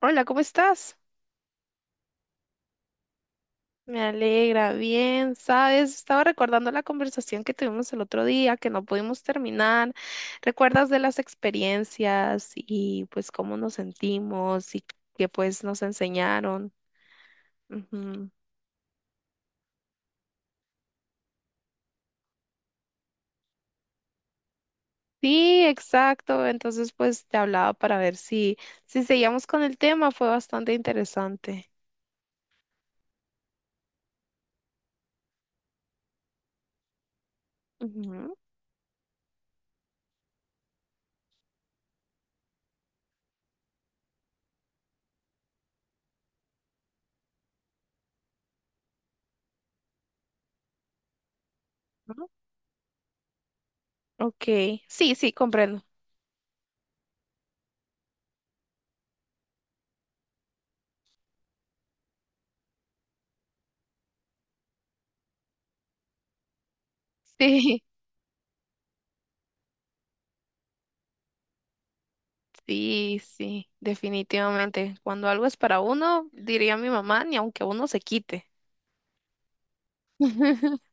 Hola, ¿cómo estás? Me alegra, bien, sabes, estaba recordando la conversación que tuvimos el otro día, que no pudimos terminar. ¿Recuerdas de las experiencias y pues cómo nos sentimos y qué pues nos enseñaron? Ujú. Sí, exacto. Entonces pues te hablaba para ver si seguíamos con el tema, fue bastante interesante. Ujú. Ujú. Ok, sí, sí, comprendo. Sí. Sí, sí, definitivamente. Cuando algo es para uno, diría mi mamá, ni aunque uno se quite.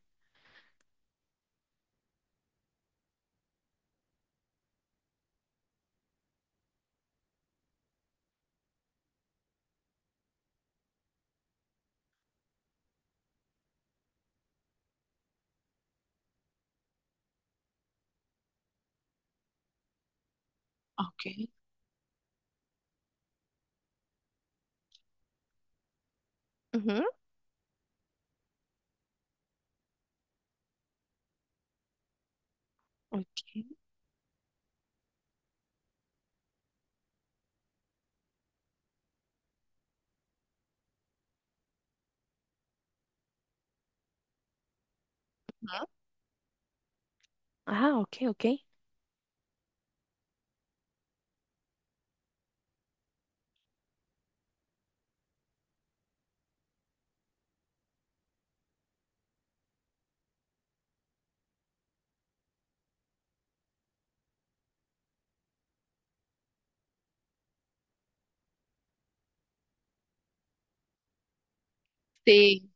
Ok, Ujú. Ok. Ah, ok, ok. Sí.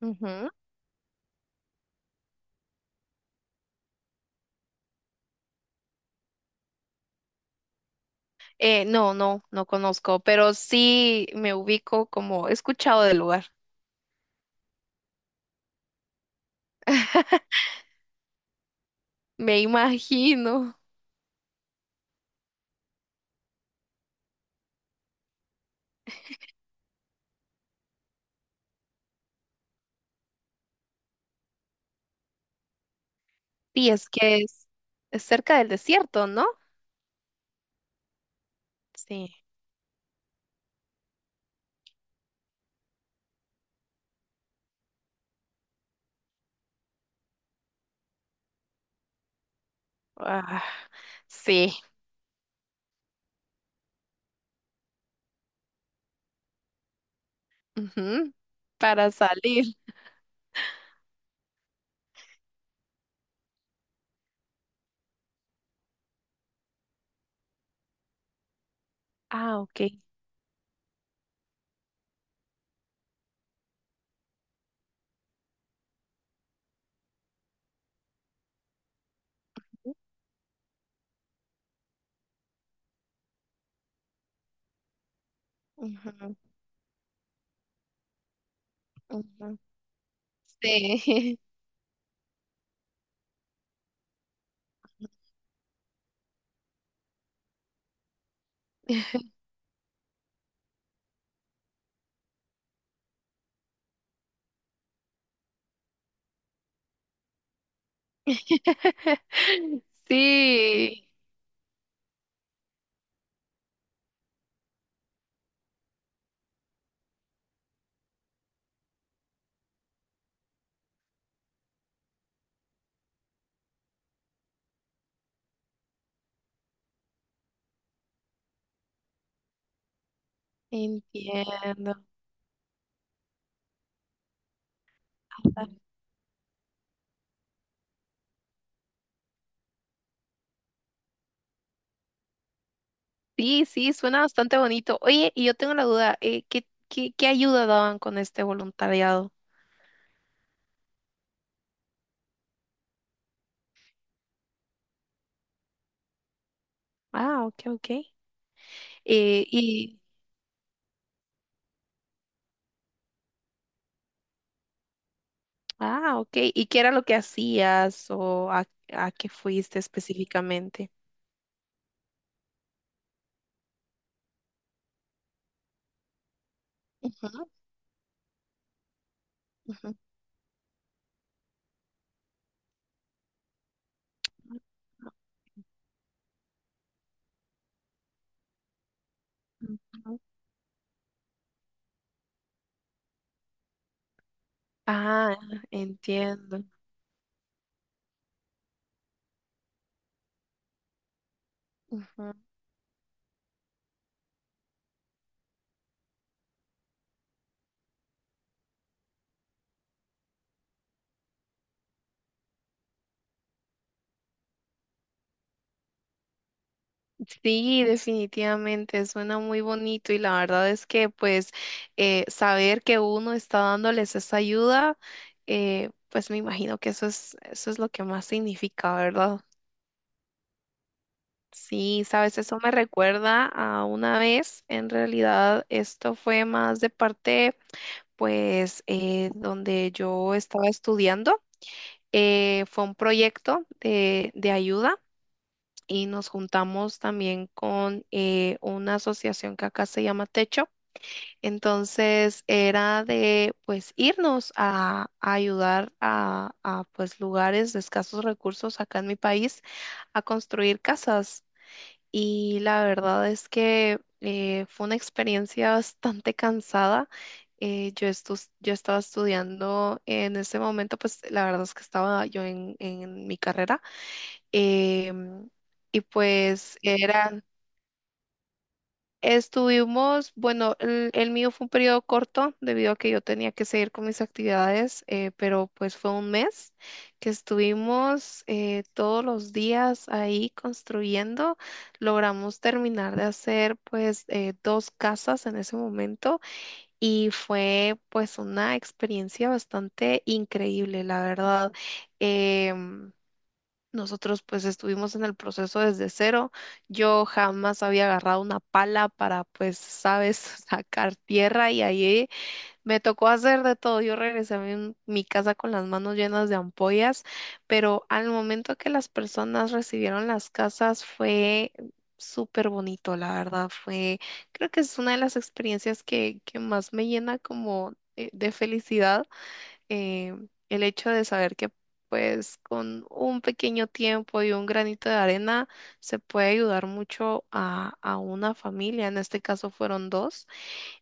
Ujú. No, no, no conozco, pero sí me ubico como he escuchado del lugar. Me imagino. Sí, es que es, cerca del desierto, ¿no? Sí. Ah, sí. Ujú. Para salir. Ah, ok. Ujú, ujú. Sí. Sí, entiendo. Sí, sí, suena bastante bonito. Oye, y yo tengo la duda, ¿qué ayuda daban con este voluntariado? Ah, ok, ok. Y, ah, ok. ¿Y qué era lo que hacías o a qué fuiste específicamente? Ujú, ujú, ujú. Ah, entiendo. Sí, definitivamente, suena muy bonito y la verdad es que pues saber que uno está dándoles esa ayuda, pues me imagino que eso es lo que más significa, ¿verdad? Sí, sabes, eso me recuerda a una vez, en realidad esto fue más de parte pues donde yo estaba estudiando, fue un proyecto de ayuda. Y nos juntamos también con una asociación que acá se llama Techo. Entonces era de pues irnos a, ayudar a pues lugares de escasos recursos acá en mi país a construir casas. Y la verdad es que fue una experiencia bastante cansada. Yo estaba estudiando en ese momento, pues la verdad es que estaba yo en mi carrera em, y pues eran, estuvimos, bueno, el mío fue un periodo corto debido a que yo tenía que seguir con mis actividades, pero pues fue un mes que estuvimos todos los días ahí construyendo. Logramos terminar de hacer pues dos casas en ese momento y fue pues una experiencia bastante increíble, la verdad. Em, Nosotros pues estuvimos en el proceso desde cero. Yo jamás había agarrado una pala para pues, sabes, sacar tierra y ahí me tocó hacer de todo. Yo regresé a mi casa con las manos llenas de ampollas, pero al momento que las personas recibieron las casas fue súper bonito, la verdad. Fue, creo que es una de las experiencias que, más me llena como de felicidad eh, el hecho de saber que pues con un pequeño tiempo y un granito de arena se puede ayudar mucho a, una familia, en este caso fueron dos,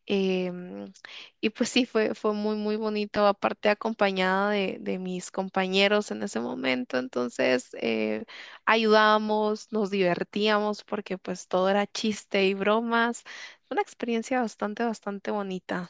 em, y pues sí, fue muy, muy bonito, aparte acompañada de mis compañeros en ese momento, entonces ayudábamos, nos divertíamos porque pues todo era chiste y bromas, una experiencia bastante, bastante bonita.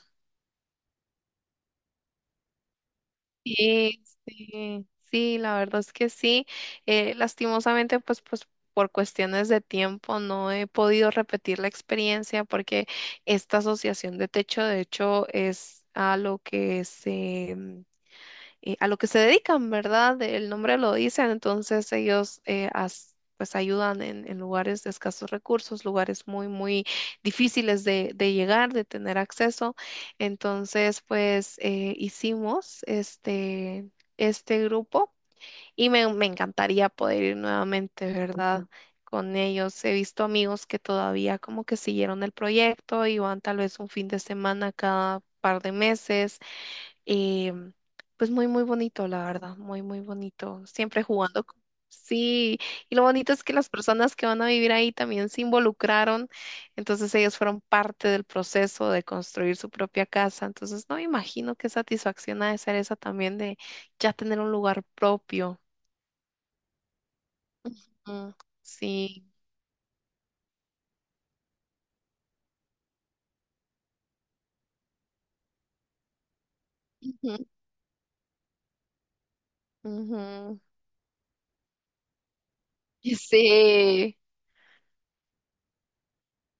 Este, sí, la verdad es que sí. Lastimosamente, pues por cuestiones de tiempo no he podido repetir la experiencia porque esta asociación de techo, de hecho, es a lo que se dedican, ¿verdad? El nombre lo dice, entonces ellos pues ayudan en, lugares de escasos recursos, lugares muy, muy difíciles de llegar, de tener acceso. Entonces, pues hicimos este, grupo y me encantaría poder ir nuevamente, ¿verdad? Con ellos he visto amigos que todavía como que siguieron el proyecto y van tal vez un fin de semana cada par de meses eh, pues muy, muy bonito, la verdad, muy, muy bonito. Siempre jugando. Sí, y lo bonito es que las personas que van a vivir ahí también se involucraron, entonces ellos fueron parte del proceso de construir su propia casa, entonces no me imagino qué satisfacción ha de ser esa también de ya tener un lugar propio. Mm, sí. Ujú, ujú. Sí.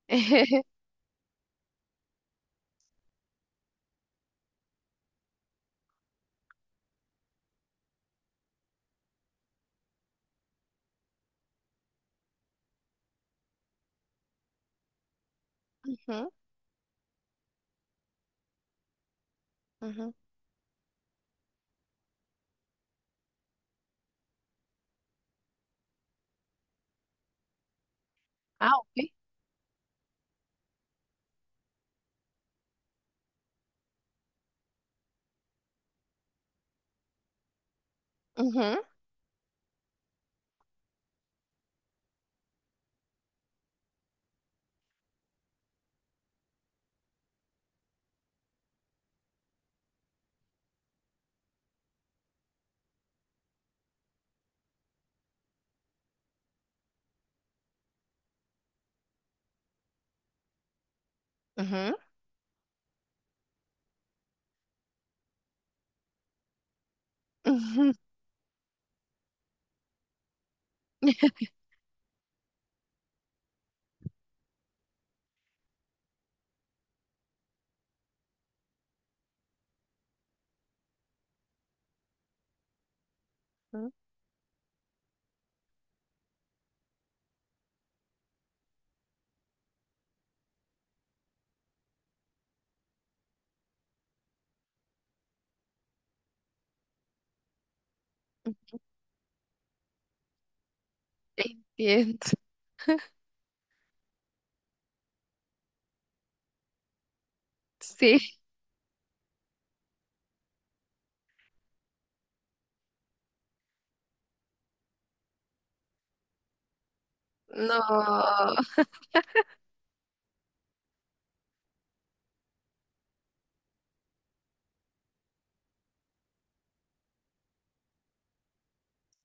Ujú, ujú. Ah, ok. Ujú, ujú, ujú. Entiendo. Sí, no,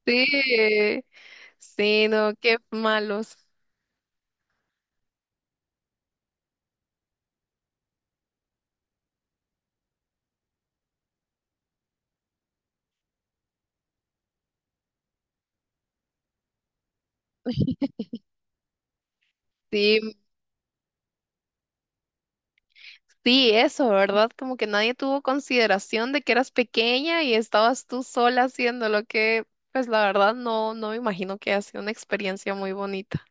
sí, sí, no, qué malos. Sí, sí, eso, ¿verdad? Como que nadie tuvo consideración de que eras pequeña y estabas tú sola haciendo lo que, pues la verdad no, no me imagino que ha sido una experiencia muy bonita.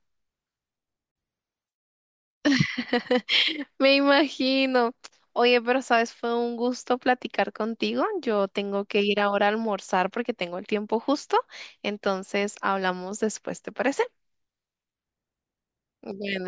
Me imagino. Oye, pero sabes, fue un gusto platicar contigo. Yo tengo que ir ahora a almorzar porque tengo el tiempo justo. Entonces, hablamos después, ¿te parece? Bueno.